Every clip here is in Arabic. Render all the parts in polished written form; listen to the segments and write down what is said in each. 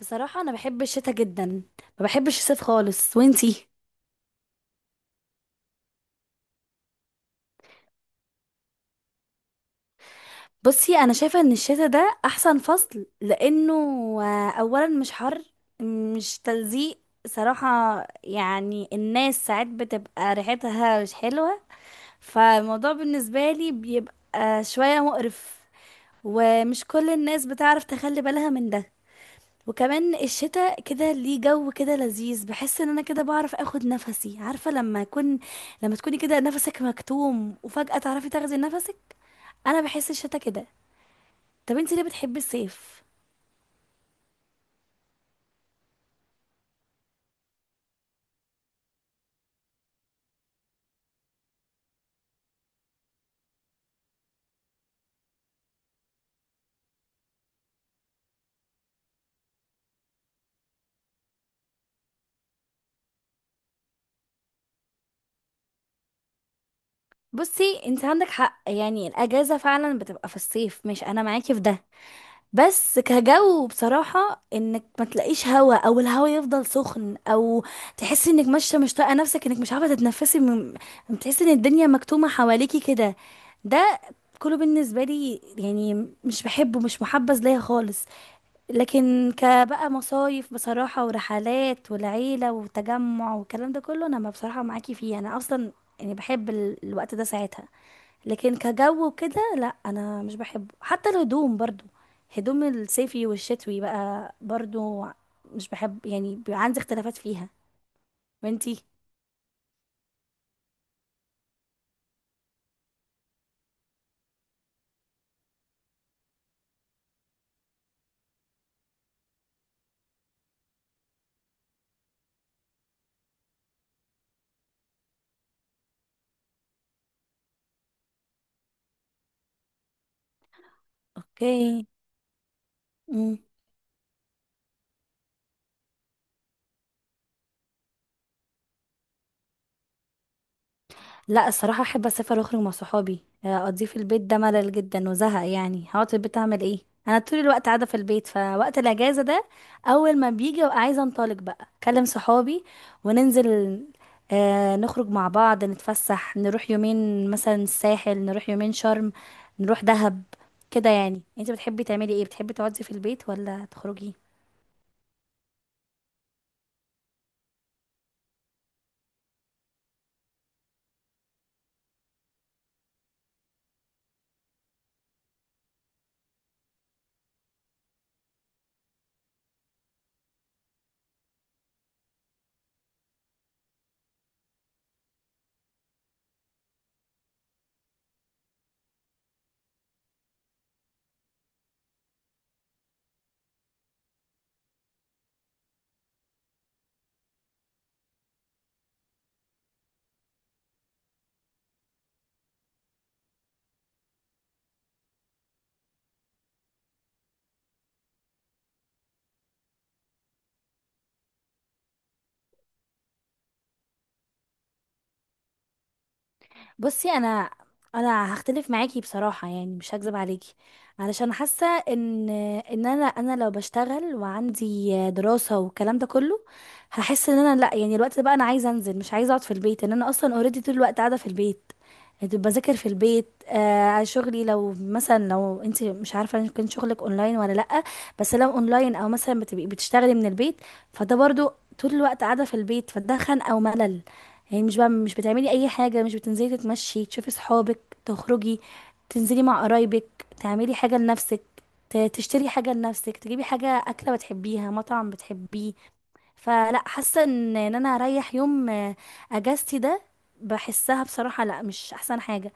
بصراحة أنا بحب الشتا جدا. ما بحبش الصيف خالص، وانتي؟ بصي، أنا شايفة إن الشتا ده أحسن فصل لأنه أولا مش حر، مش تلزيق صراحة. يعني الناس ساعات بتبقى ريحتها مش حلوة، فالموضوع بالنسبة لي بيبقى شوية مقرف، ومش كل الناس بتعرف تخلي بالها من ده. وكمان الشتاء كده ليه جو كده لذيذ، بحس ان انا كده بعرف اخد نفسي، عارفه لما اكون، لما تكوني كده نفسك مكتوم وفجاه تعرفي تاخدي نفسك. انا بحس الشتاء كده. طب انت ليه بتحبي الصيف؟ بصي، انت عندك حق، يعني الاجازه فعلا بتبقى في الصيف، مش انا معاكي في ده. بس كجو بصراحه انك ما تلاقيش هوا، او الهوا يفضل سخن، او تحسي انك ماشيه مش طايقه نفسك، انك مش عارفه تتنفسي من، تحسي ان الدنيا مكتومه حواليكي كده. ده كله بالنسبة لي يعني مش بحبه، مش محبذ ليا خالص. لكن كبقى مصايف بصراحة ورحلات والعيلة وتجمع والكلام ده كله، انا ما بصراحة معاكي فيه انا اصلا، يعني بحب الوقت ده ساعتها. لكن كجو وكده، لا انا مش بحبه. حتى الهدوم برضو، هدوم الصيفي والشتوي بقى برضو، مش بحب، يعني بيبقى عندي اختلافات فيها. وانتي؟ اوكي. لا الصراحة احب اسافر واخرج مع صحابي. اقضيه في البيت ده ملل جدا وزهق، يعني هقعد في البيت اعمل ايه؟ انا طول الوقت قاعدة في البيت، فوقت الاجازة ده اول ما بيجي ببقى عايزة انطلق بقى، اكلم صحابي وننزل، آه، نخرج مع بعض، نتفسح، نروح يومين مثلا الساحل، نروح يومين شرم، نروح دهب، كده يعني. انت بتحبي تعملي ايه؟ بتحبي تقعدي في البيت ولا تخرجي؟ بصي انا، هختلف معاكي بصراحه، يعني مش هكذب عليكي. علشان حاسه ان انا لو بشتغل وعندي دراسه والكلام ده كله، هحس ان انا لا، يعني الوقت ده بقى انا عايزه انزل مش عايزه اقعد في البيت، ان انا اصلا اوريدي طول الوقت قاعده في البيت. يعني بذاكر في البيت، آه، شغلي لو مثلا، لو انت مش عارفه ان كان شغلك اونلاين ولا لا، بس لو اونلاين او مثلا بتبقي بتشتغلي من البيت، فده برضو طول الوقت قاعده في البيت، فده خنقه وملل. يعني مش بتعملي اي حاجه، مش بتنزلي تتمشي تشوفي صحابك تخرجي، تنزلي مع قرايبك، تعملي حاجه لنفسك، تشتري حاجه لنفسك، تجيبي حاجه اكله بتحبيها، مطعم بتحبيه. فلا حاسه ان إن انا اريح يوم، آه، اجازتي ده بحسها بصراحه لا، مش احسن حاجه.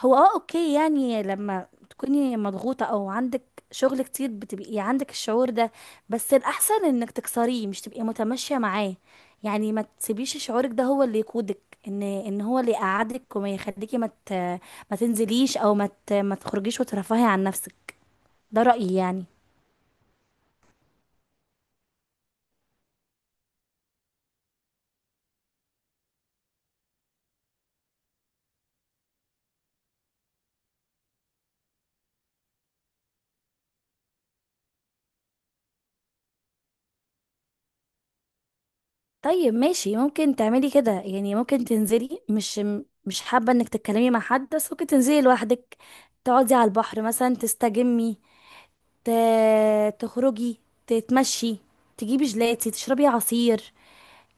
هو اه اوكي، يعني لما تكوني مضغوطه او عندك شغل كتير بتبقي عندك الشعور ده، بس الاحسن انك تكسريه، مش تبقي متماشيه معاه. يعني ما تسيبيش شعورك ده هو اللي يقودك، ان ان هو اللي يقعدك وما يخليكي ما تنزليش، او ما تخرجيش وترفهي عن نفسك. ده رأيي يعني. طيب ماشي، ممكن تعملي كده، يعني ممكن تنزلي، مش حابة انك تتكلمي مع حد، بس ممكن تنزلي لوحدك، تقعدي على البحر مثلا، تستجمي، ت، تخرجي، تتمشي، تجيبي جلاتي، تشربي عصير،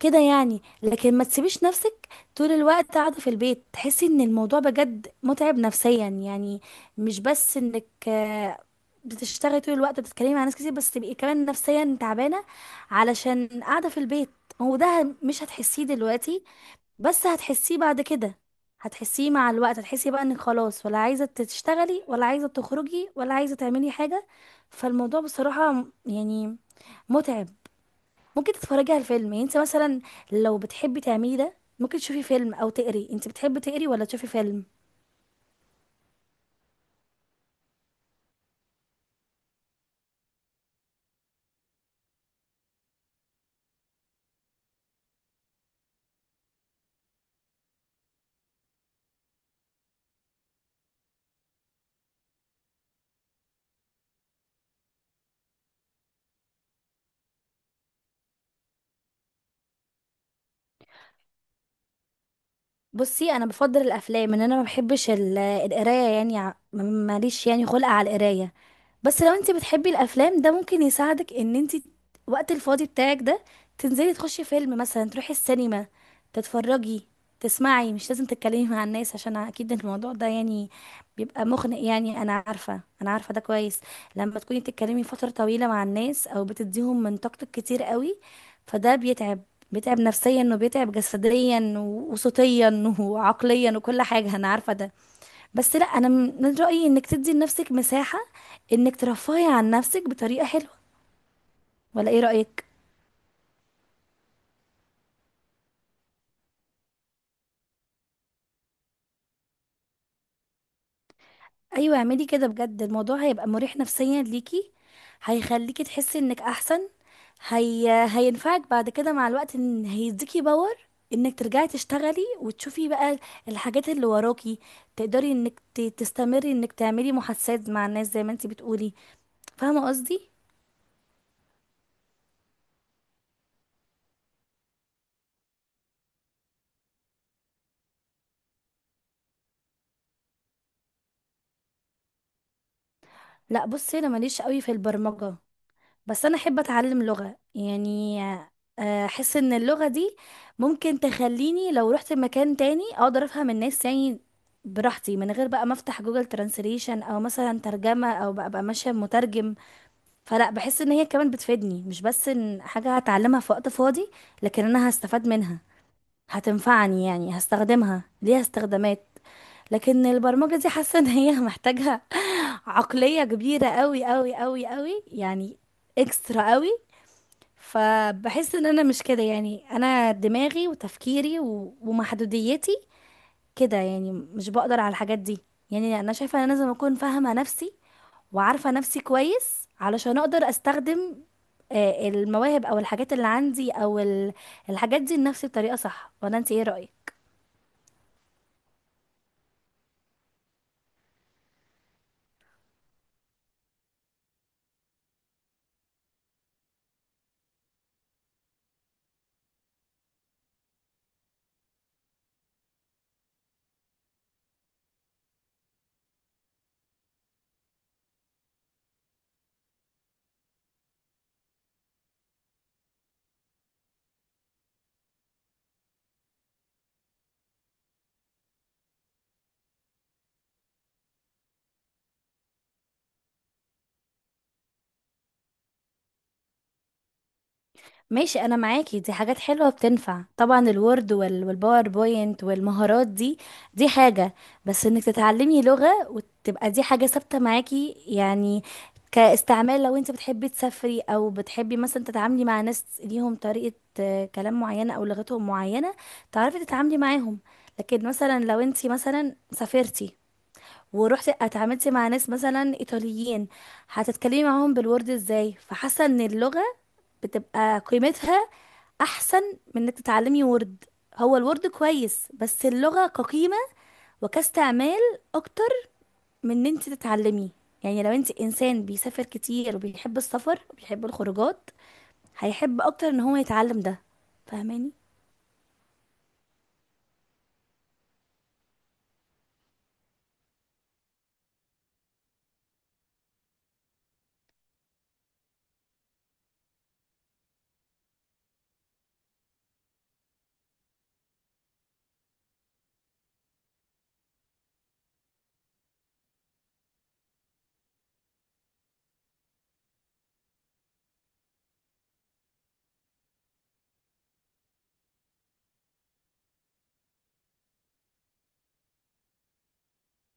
كده يعني. لكن ما تسيبيش نفسك طول الوقت قاعدة في البيت، تحسي ان الموضوع بجد متعب نفسيا. يعني مش بس انك، آه، بتشتغلي طول الوقت بتتكلمي مع ناس كتير، بس تبقي كمان نفسيا تعبانة علشان قاعدة في البيت. هو ده مش هتحسيه دلوقتي، بس هتحسيه بعد كده، هتحسيه مع الوقت، هتحسي بقى انك خلاص ولا عايزة تشتغلي، ولا عايزة تخرجي، ولا عايزة تعملي حاجة. فالموضوع بصراحة يعني متعب. ممكن تتفرجي على الفيلم، يعني انت مثلا لو بتحبي تعملي ده ممكن تشوفي فيلم او تقري. انت بتحبي تقري ولا تشوفي فيلم؟ بصي انا بفضل الافلام، ان انا ما بحبش القرايه، يعني ع، م، ماليش يعني خلق على القرايه. بس لو انت بتحبي الافلام ده ممكن يساعدك ان انت وقت الفاضي بتاعك ده تنزلي تخشي فيلم مثلا، تروحي السينما، تتفرجي، تسمعي، مش لازم تتكلمي مع الناس. عشان اكيد الموضوع ده يعني بيبقى مخنق، يعني انا عارفه ده كويس. لما تكوني بتتكلمي فتره طويله مع الناس او بتديهم من طاقتك كتير قوي، فده بيتعب، بيتعب نفسيا وبيتعب جسديا وصوتيا وعقليا وكل حاجة، أنا عارفة ده. بس لا، أنا من رأيي إنك تدي لنفسك مساحة، إنك ترفهي عن نفسك بطريقة حلوة. ولا إيه رأيك؟ أيوة اعملي كده بجد، الموضوع هيبقى مريح نفسيا ليكي، هيخليكي تحسي إنك أحسن. هينفعك بعد كده مع الوقت، إن هيديكي باور إنك ترجعي تشتغلي، وتشوفي بقى الحاجات اللي وراكي، تقدري إنك تستمري إنك تعملي محادثات مع الناس زي ما انتي بتقولي. فاهمة قصدي؟ لا بصي، انا ماليش قوي في البرمجة، بس انا احب اتعلم لغة يعني. آه، احس ان اللغة دي ممكن تخليني لو رحت مكان تاني اقدر افهم الناس يعني براحتي، من غير بقى ما افتح جوجل ترانسليشن او مثلا ترجمة، او بقى ماشية بمترجم. فلا بحس ان هي كمان بتفيدني، مش بس ان حاجة هتعلمها في وقت فاضي، لكن انا هستفاد منها، هتنفعني، يعني هستخدمها، ليها استخدامات. لكن البرمجة دي حاسة ان هي محتاجة عقلية كبيرة قوي يعني، اكسترا قوي. فبحس ان انا مش كده، يعني انا دماغي وتفكيري ومحدوديتي كده يعني مش بقدر على الحاجات دي. يعني انا شايفة ان انا لازم اكون فاهمة نفسي وعارفة نفسي كويس علشان اقدر استخدم، آه، المواهب او الحاجات اللي عندي، او الحاجات دي لنفسي بطريقة صح. ولا انت ايه رأيك؟ ماشي انا معاكي، دي حاجات حلوه بتنفع طبعا، الوورد والباوربوينت والمهارات دي، دي حاجه. بس انك تتعلمي لغه وتبقى دي حاجه ثابته معاكي يعني كاستعمال، لو انت بتحبي تسافري، او بتحبي مثلا تتعاملي مع ناس ليهم طريقه، آه، كلام معينه او لغتهم معينه، تعرفي تتعاملي معاهم. لكن مثلا لو انت مثلا سافرتي ورحتي اتعاملتي مع ناس مثلا ايطاليين، هتتكلمي معاهم بالورد ازاي؟ فحاسه ان اللغه بتبقى قيمتها احسن من انك تتعلمي وورد. هو الوورد كويس، بس اللغة كقيمة وكاستعمال اكتر من ان انت تتعلمي. يعني لو انت انسان بيسافر كتير وبيحب السفر وبيحب الخروجات، هيحب اكتر ان هو يتعلم ده. فاهماني؟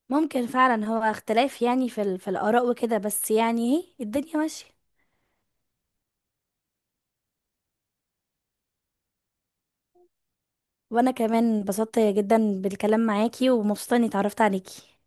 ممكن فعلا، هو اختلاف يعني في في الاراء وكده، بس يعني ايه، الدنيا ماشية. وانا كمان انبسطت جدا بالكلام معاكي، ومبسوطة اني اتعرفت عليكي.